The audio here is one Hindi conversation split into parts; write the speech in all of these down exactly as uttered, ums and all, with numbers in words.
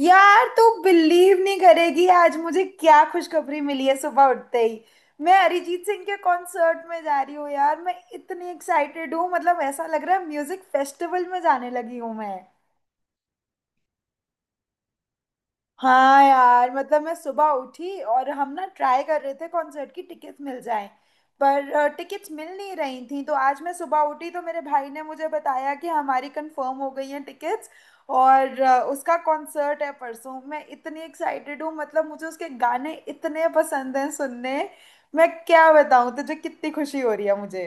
यार तू बिलीव नहीं करेगी। आज मुझे क्या खुशखबरी मिली है सुबह उठते ही। मैं अरिजीत सिंह के कॉन्सर्ट में जा रही हूँ यार। मैं इतनी एक्साइटेड हूँ, मतलब ऐसा लग रहा है म्यूजिक फेस्टिवल में जाने लगी हूँ मैं। हाँ यार, मतलब मैं सुबह उठी और हम ना ट्राई कर रहे थे कॉन्सर्ट की टिकट्स मिल जाएं। पर टिकट्स मिल नहीं रही थी, तो आज मैं सुबह उठी तो मेरे भाई ने मुझे बताया कि हमारी कंफर्म हो गई हैं टिकट्स। और अ, उसका कॉन्सर्ट है परसों। मैं इतनी एक्साइटेड हूँ, मतलब मुझे उसके गाने इतने पसंद हैं सुनने। मैं क्या बताऊँ तुझे कितनी खुशी हो रही है मुझे।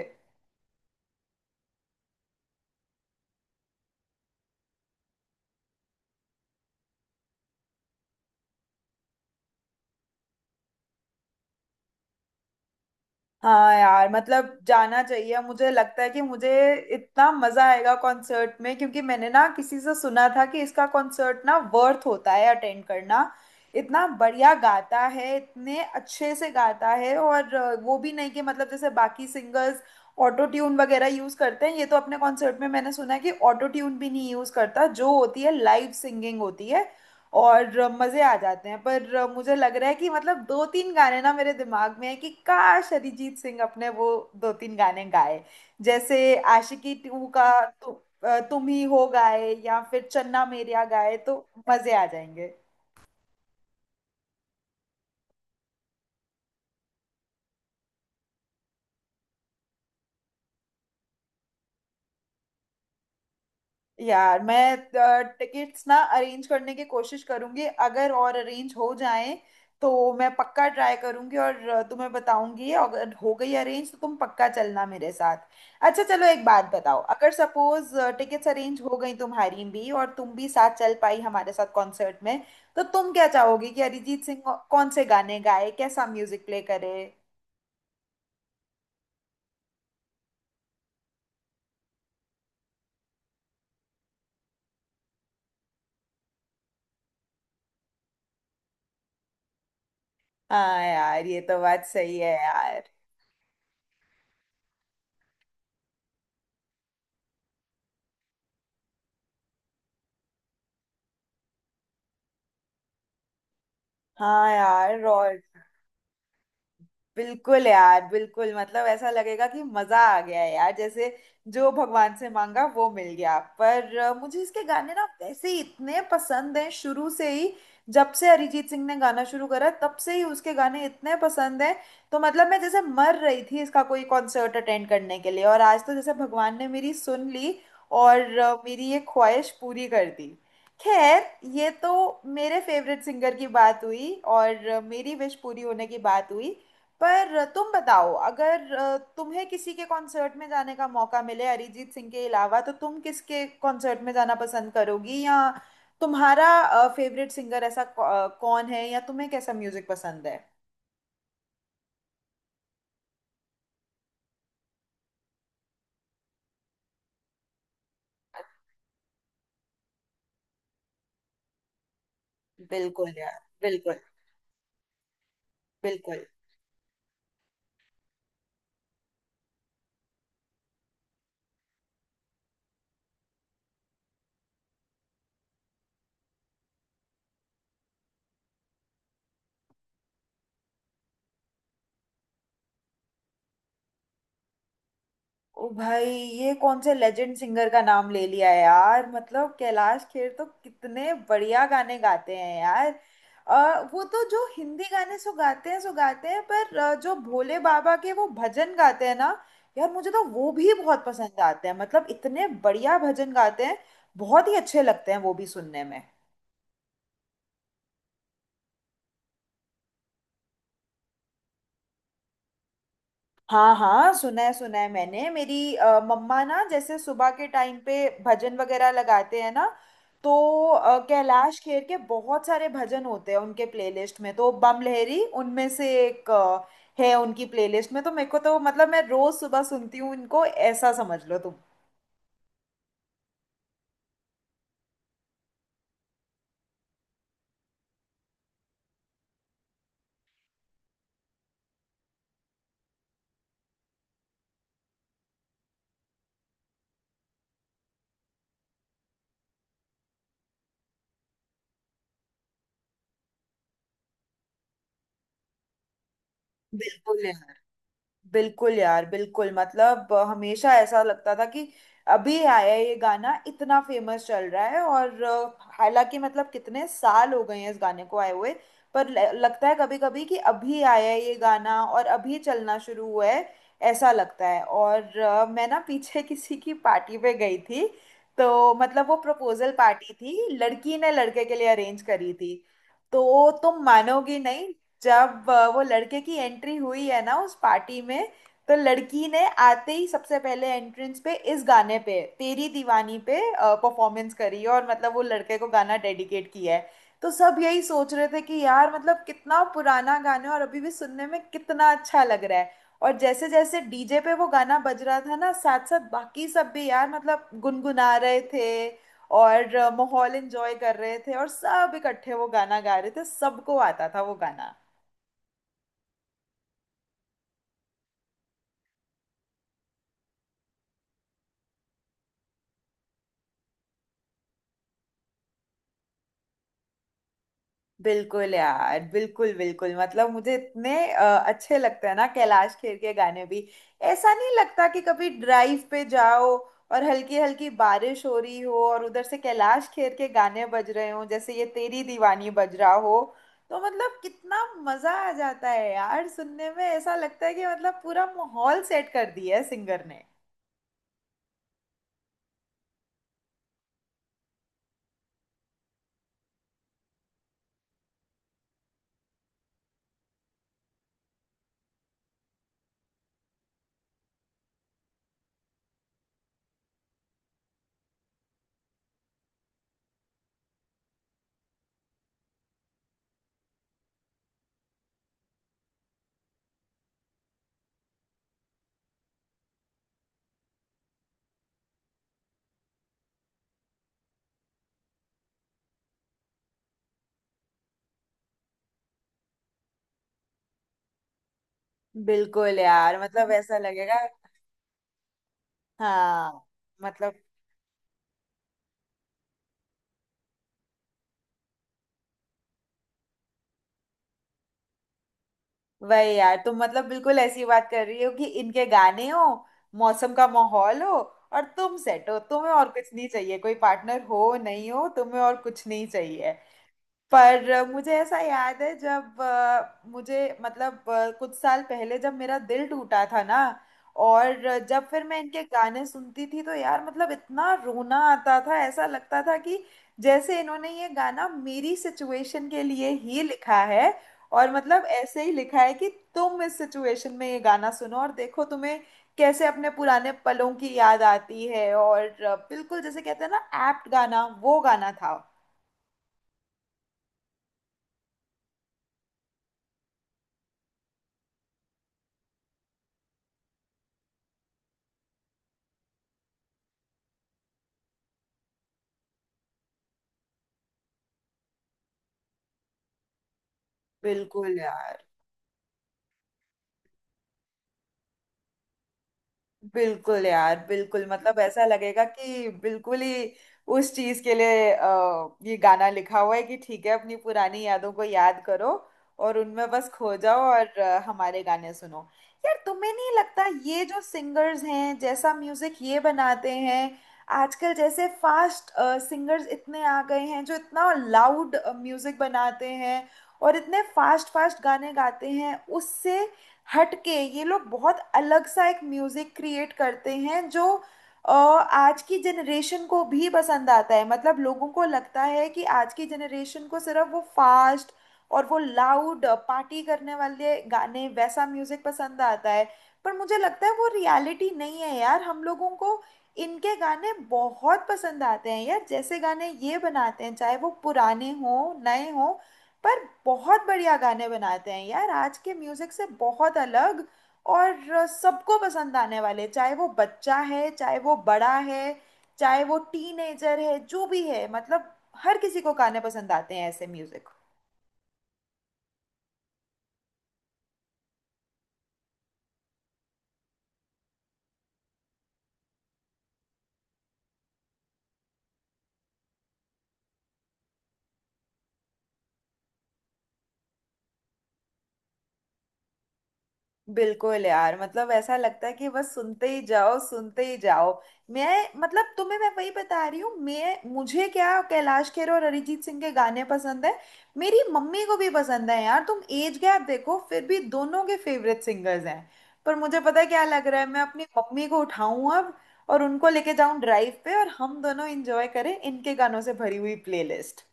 हाँ यार, मतलब जाना चाहिए मुझे, लगता है कि मुझे इतना मजा आएगा कॉन्सर्ट में, क्योंकि मैंने ना किसी से सुना था कि इसका कॉन्सर्ट ना वर्थ होता है अटेंड करना। इतना बढ़िया गाता है, इतने अच्छे से गाता है। और अ, वो भी नहीं कि मतलब जैसे बाकी सिंगर्स ऑटो ट्यून वगैरह यूज करते हैं, ये तो अपने कॉन्सर्ट में, मैंने सुना है कि ऑटो ट्यून भी नहीं यूज करता, जो होती है लाइव सिंगिंग होती है और मज़े आ जाते हैं। पर मुझे लग रहा है कि मतलब दो तीन गाने ना मेरे दिमाग में है कि काश अरिजीत सिंह अपने वो दो तीन गाने गाए। जैसे आशिकी टू का तु, अ, तुम ही हो गाए, या फिर चन्ना मेरेया गाए तो मज़े आ जाएंगे। यार मैं टिकट्स ना अरेंज करने की कोशिश करूंगी, अगर और अरेंज हो जाए तो मैं पक्का ट्राई करूंगी और अ, तुम्हें बताऊंगी। अगर हो गई अरेंज तो तुम पक्का चलना मेरे साथ। अच्छा चलो एक बात बताओ, अगर सपोज टिकट्स अरेंज हो गई तुम्हारी भी और तुम भी साथ चल पाई हमारे साथ कॉन्सर्ट में, तो तुम क्या चाहोगी कि अरिजीत सिंह कौन से गाने गाए, कैसा म्यूजिक प्ले करे। हाँ यार, ये तो बात सही है यार। हाँ यार। और बिल्कुल यार, बिल्कुल, मतलब ऐसा लगेगा कि मजा आ गया है यार, जैसे जो भगवान से मांगा वो मिल गया। पर अ, मुझे इसके गाने ना वैसे ही इतने पसंद हैं शुरू से ही। जब से अरिजीत सिंह ने गाना शुरू करा तब से ही उसके गाने इतने पसंद हैं। तो मतलब मैं जैसे मर रही थी इसका कोई कॉन्सर्ट अटेंड करने के लिए, और आज तो जैसे भगवान ने मेरी सुन ली और अ, मेरी ये ख्वाहिश पूरी कर दी। खैर, ये तो मेरे फेवरेट सिंगर की बात हुई और अ, मेरी विश पूरी होने की बात हुई। पर तुम बताओ, अगर अ, तुम्हें किसी के कॉन्सर्ट में जाने का मौका मिले अरिजीत सिंह के अलावा, तो तुम किसके कॉन्सर्ट में जाना पसंद करोगी, या तुम्हारा फेवरेट सिंगर ऐसा कौ- अ, कौन है, या तुम्हें कैसा म्यूजिक पसंद है। बिल्कुल यार, बिल्कुल, बिल्कुल। ओ भाई, ये कौन से लेजेंड सिंगर का नाम ले लिया यार, मतलब कैलाश खेर तो कितने बढ़िया गाने गाते हैं यार। अ, वो तो जो हिंदी गाने सो गाते हैं सो गाते हैं, पर अ, जो भोले बाबा के वो भजन गाते हैं ना, यार मुझे तो वो भी बहुत पसंद आते हैं, मतलब इतने बढ़िया भजन गाते हैं। बहुत ही अच्छे लगते हैं वो भी सुनने में। हाँ हाँ, सुना है, सुना है मैंने। मेरी अ, मम्मा ना जैसे सुबह के टाइम पे भजन वगैरह लगाते हैं ना, तो अ, कैलाश खेर के बहुत सारे भजन होते हैं उनके प्लेलिस्ट में, तो बम लहरी उनमें से एक अ, है उनकी प्लेलिस्ट में। तो मेरे को तो मतलब मैं रोज सुबह सुनती हूँ इनको, ऐसा समझ लो तुम। बिल्कुल यार, बिल्कुल यार, बिल्कुल, मतलब अ, हमेशा ऐसा लगता था कि अभी आया ये गाना इतना फेमस चल रहा है, और अ, हालांकि मतलब कितने साल हो गए हैं इस गाने को आए हुए, पर ल- लगता है कभी कभी कि अभी आया है ये गाना और अभी चलना शुरू हुआ है, ऐसा लगता है। और अ, मैं ना पीछे किसी की पार्टी पे गई थी, तो मतलब वो प्रपोजल पार्टी थी, लड़की ने लड़के के लिए अरेंज करी थी। तो तुम मानोगी नहीं, जब अ, वो लड़के की एंट्री हुई है ना उस पार्टी में, तो लड़की ने आते ही सबसे पहले एंट्रेंस पे इस गाने पे, तेरी दीवानी पे परफॉर्मेंस करी है, और मतलब वो लड़के को गाना डेडिकेट किया है। तो सब यही सोच रहे थे कि यार मतलब कितना पुराना गाना है और अभी भी सुनने में कितना अच्छा लग रहा है। और जैसे जैसे डीजे पे वो गाना बज रहा था ना, साथ साथ बाकी सब भी यार मतलब गुनगुना रहे थे और अ, माहौल एंजॉय कर रहे थे, और सब इकट्ठे वो गाना गा रहे थे, सबको आता था वो गाना। बिल्कुल यार, बिल्कुल, बिल्कुल, मतलब मुझे इतने अ, अच्छे लगते हैं ना कैलाश खेर के गाने भी। ऐसा नहीं लगता कि कभी ड्राइव पे जाओ और हल्की हल्की बारिश हो रही हो और उधर से कैलाश खेर के गाने बज रहे हो, जैसे ये तेरी दीवानी बज रहा हो, तो मतलब कितना मजा आ जाता है यार सुनने में। ऐसा लगता है कि मतलब पूरा माहौल सेट कर दिया है सिंगर ने। बिल्कुल यार, मतलब ऐसा लगेगा। हाँ, मतलब वही यार, तुम मतलब बिल्कुल ऐसी बात कर रही हो कि इनके गाने हो, मौसम का माहौल हो, और तुम सेट हो, तुम्हें और कुछ नहीं चाहिए, कोई पार्टनर हो नहीं हो, तुम्हें और कुछ नहीं चाहिए। पर मुझे ऐसा याद है, जब अ, मुझे मतलब अ, कुछ साल पहले जब मेरा दिल टूटा था ना, और जब फिर मैं इनके गाने सुनती थी, तो यार मतलब इतना रोना आता था, ऐसा लगता था कि जैसे इन्होंने ये गाना मेरी सिचुएशन के लिए ही लिखा है, और मतलब ऐसे ही लिखा है कि तुम इस सिचुएशन में ये गाना सुनो और देखो तुम्हें कैसे अपने पुराने पलों की याद आती है। और अ, बिल्कुल जैसे कहते हैं ना, एप्ट गाना वो गाना था। बिल्कुल यार, बिल्कुल यार, बिल्कुल, मतलब ऐसा लगेगा कि बिल्कुल ही उस चीज के लिए अ, ये गाना लिखा हुआ है कि ठीक है, अपनी पुरानी यादों को याद करो और उनमें बस खो जाओ और अ, हमारे गाने सुनो। यार तुम्हें नहीं लगता ये जो सिंगर्स हैं जैसा म्यूजिक ये बनाते हैं? आजकल जैसे फास्ट सिंगर्स इतने आ गए हैं जो इतना लाउड म्यूजिक बनाते हैं और इतने फास्ट फास्ट गाने गाते हैं, उससे हट के ये लोग बहुत अलग सा एक म्यूजिक क्रिएट करते हैं, जो अ, आज की जनरेशन को भी पसंद आता है। मतलब लोगों को लगता है कि आज की जनरेशन को सिर्फ वो फास्ट और वो लाउड पार्टी करने वाले गाने, वैसा म्यूजिक पसंद आता है, पर मुझे लगता है वो रियलिटी नहीं है यार। हम लोगों को इनके गाने बहुत पसंद आते हैं यार, जैसे गाने ये बनाते हैं, चाहे वो पुराने हों, नए हों, पर बहुत बढ़िया गाने बनाते हैं यार, आज के म्यूजिक से बहुत अलग और अ, सबको पसंद आने वाले, चाहे वो बच्चा है, चाहे वो बड़ा है, चाहे वो टीनेजर है, जो भी है, मतलब हर किसी को गाने पसंद आते हैं, ऐसे म्यूजिक। बिल्कुल यार, मतलब ऐसा लगता है कि बस सुनते ही जाओ, सुनते ही जाओ। मैं मतलब तुम्हें मैं वही बता रही हूँ, मैं मुझे क्या कैलाश खेर और अरिजीत सिंह के गाने पसंद है, मेरी मम्मी को भी पसंद है यार, तुम एज गैप देखो, फिर भी दोनों के फेवरेट सिंगर्स हैं। पर मुझे पता है क्या लग रहा है, मैं अपनी मम्मी को उठाऊं अब और उनको लेके जाऊं ड्राइव पे, और हम दोनों इंजॉय करें इनके गानों से भरी हुई प्लेलिस्ट।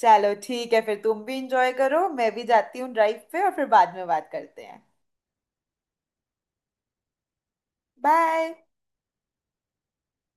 चलो ठीक है, फिर तुम भी इंजॉय करो, मैं भी जाती हूँ ड्राइव पे और फिर बाद में बात करते हैं। बाय।